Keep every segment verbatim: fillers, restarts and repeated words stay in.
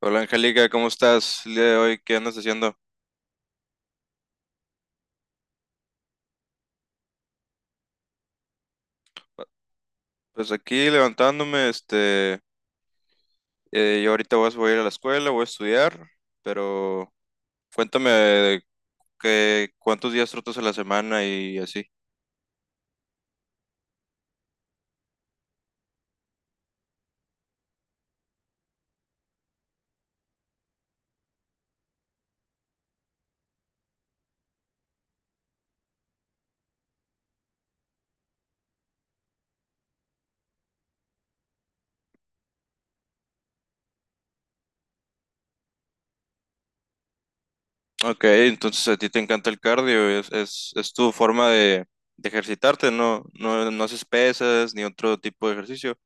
Hola Angélica, ¿cómo estás el día de hoy? ¿Qué andas haciendo? Pues aquí levantándome, este, eh, yo ahorita voy a, voy a ir a la escuela, voy a estudiar, pero cuéntame que, cuántos días trotas a la semana y así. Ok, entonces a ti te encanta el cardio, es, es, es tu forma de, de ejercitarte, ¿no? No, no haces pesas ni otro tipo de ejercicio.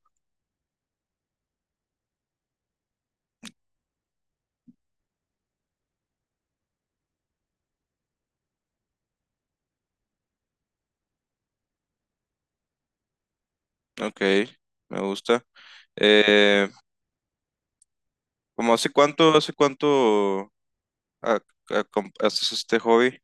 Ok, me gusta. Eh, ¿cómo hace cuánto, hace cuánto ah, ah, com- haces este hobby?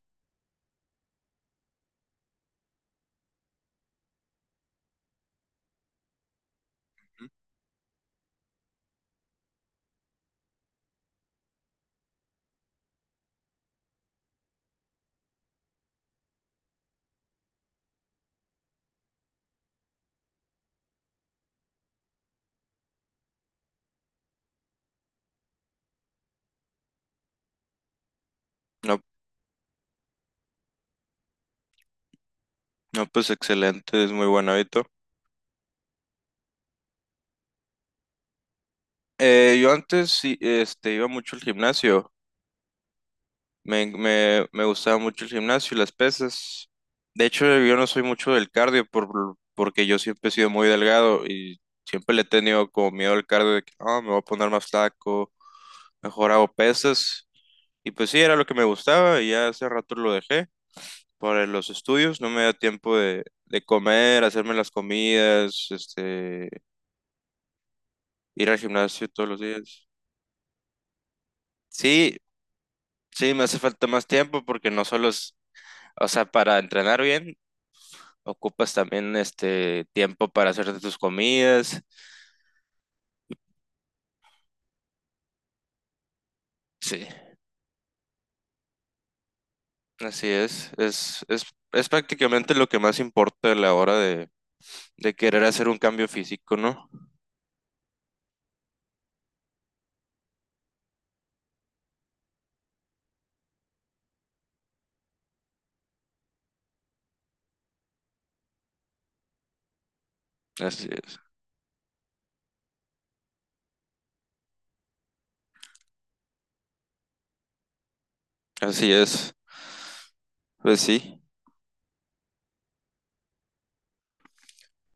No, no, pues excelente, es muy buen hábito. Eh, yo antes sí, este, iba mucho al gimnasio, me, me, me gustaba mucho el gimnasio y las pesas. De hecho, yo no soy mucho del cardio por, porque yo siempre he sido muy delgado y siempre le he tenido como miedo al cardio de que "Ah, me voy a poner más flaco, mejor hago pesas". Y pues sí, era lo que me gustaba y ya hace rato lo dejé para los estudios, no me da tiempo de, de comer, hacerme las comidas, este, ir al gimnasio todos los días. Sí, sí, me hace falta más tiempo porque no solo es, o sea, para entrenar bien, ocupas también este tiempo para hacerte tus comidas. Sí, así es. Es, es, es prácticamente lo que más importa a la hora de, de querer hacer un cambio físico, ¿no? Así es. Así es. Pues sí.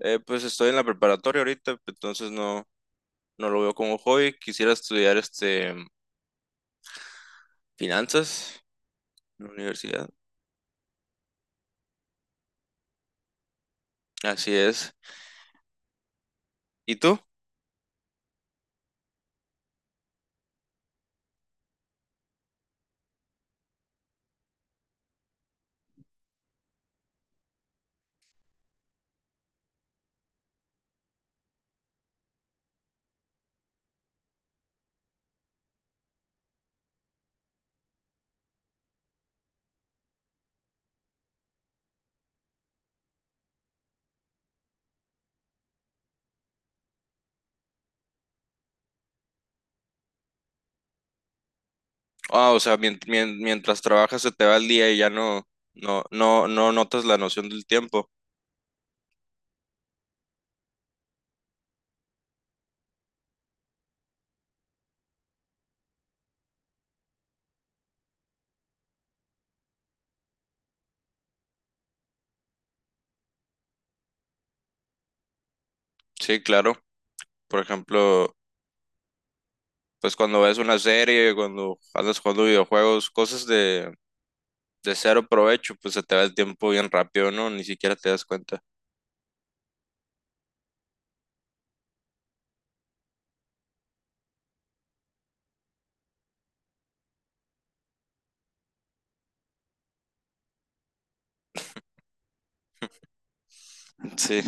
Eh, pues estoy en la preparatoria ahorita, entonces no, no lo veo como hobby. Quisiera estudiar este finanzas en la universidad. Así es. ¿Y tú? Ah, o sea, mien- mien- mientras trabajas se te va el día y ya no, no, no, no notas la noción del tiempo. Sí, claro. Por ejemplo, pues cuando ves una serie, cuando andas jugando videojuegos, cosas de, de cero provecho, pues se te va el tiempo bien rápido, ¿no? Ni siquiera te das cuenta. Sí,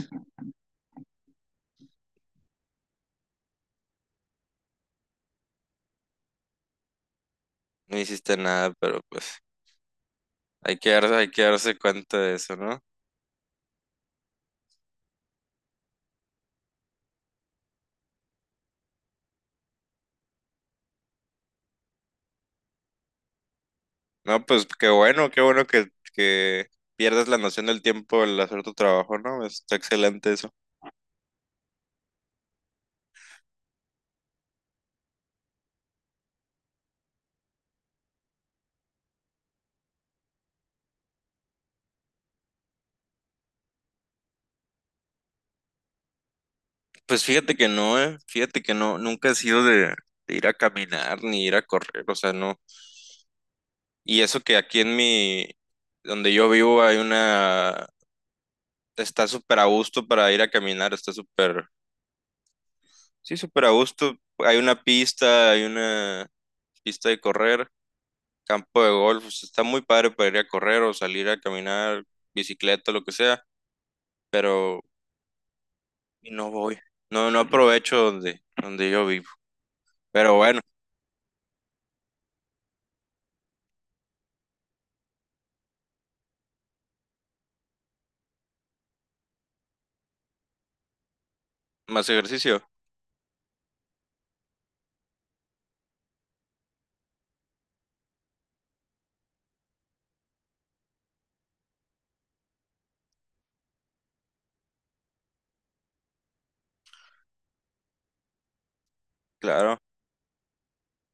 no hiciste nada, pero pues hay que darse, hay que darse cuenta de eso, ¿no? No, pues qué bueno, qué bueno que, que pierdas la noción del tiempo al hacer tu trabajo, ¿no? Está excelente eso. Pues fíjate que no, eh. Fíjate que no, nunca he sido de, de ir a caminar ni ir a correr, o sea, no. Y eso que aquí en mi, donde yo vivo hay una, está súper a gusto para ir a caminar, está súper, sí, súper a gusto. Hay una pista, hay una pista de correr, campo de golf, o sea, está muy padre para ir a correr o salir a caminar, bicicleta, lo que sea, pero no voy. No, no aprovecho donde, donde yo vivo. Pero bueno, más ejercicio, claro.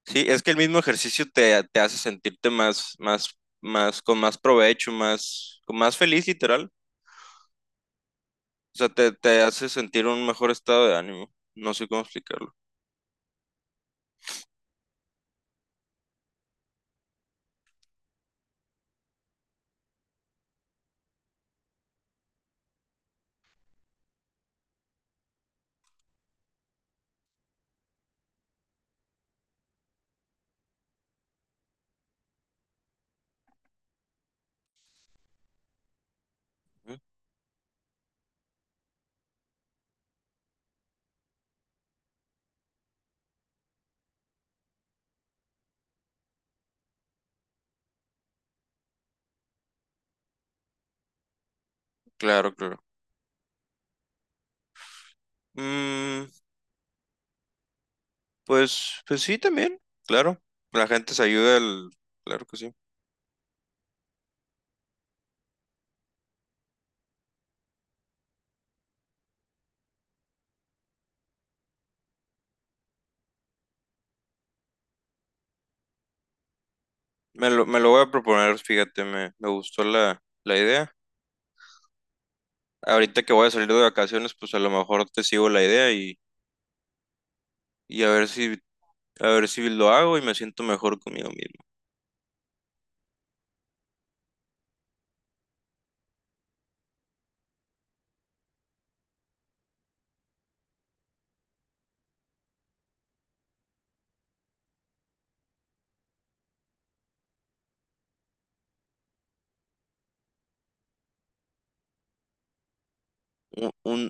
Sí, es que el mismo ejercicio te, te hace sentirte más, más, más, con más provecho, más, con más feliz, literal. O sea, te, te hace sentir un mejor estado de ánimo. No sé cómo explicarlo. Ujú. Claro, claro. Mm, pues, pues sí, también, claro. La gente se ayuda, el- claro que sí. Me lo, me lo voy a proponer, fíjate, me, me gustó la, la idea. Ahorita que voy a salir de vacaciones, pues a lo mejor te sigo la idea y, y a ver si, a ver si lo hago y me siento mejor conmigo mismo. Un, un,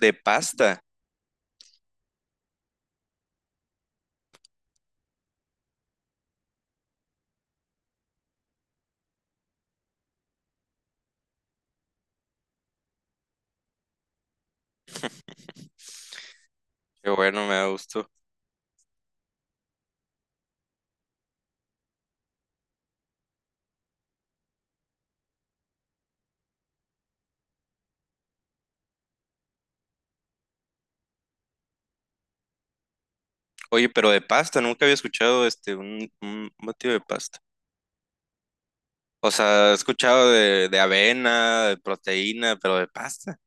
De pasta. Qué bueno, me da gusto. Oye, pero de pasta, nunca había escuchado este un, un batido de pasta. O sea, he escuchado de, de avena, de proteína, pero de pasta.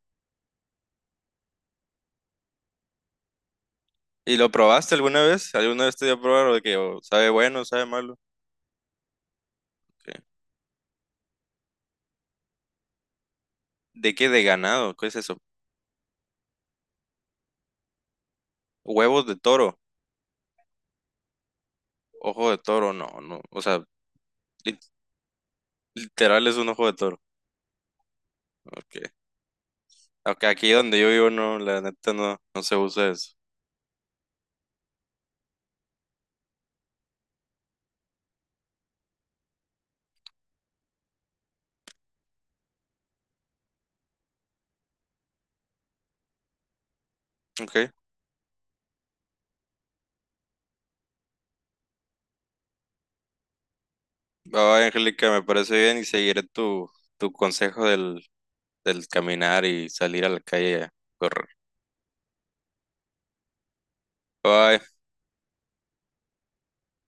¿Y lo probaste alguna vez? ¿Alguna vez te dio a probar o de que o sabe bueno, sabe malo? ¿Qué? ¿De qué? ¿De ganado? ¿Qué es eso? ¿Huevos de toro? ¿Ojo de toro? No, no. O sea, li- literal es un ojo de toro. Ok. Aunque aquí donde yo vivo no, la neta no, no se usa eso. Ok. Va, Angélica, me parece bien y seguiré tu, tu consejo del, del caminar y salir a la calle a correr. Bye.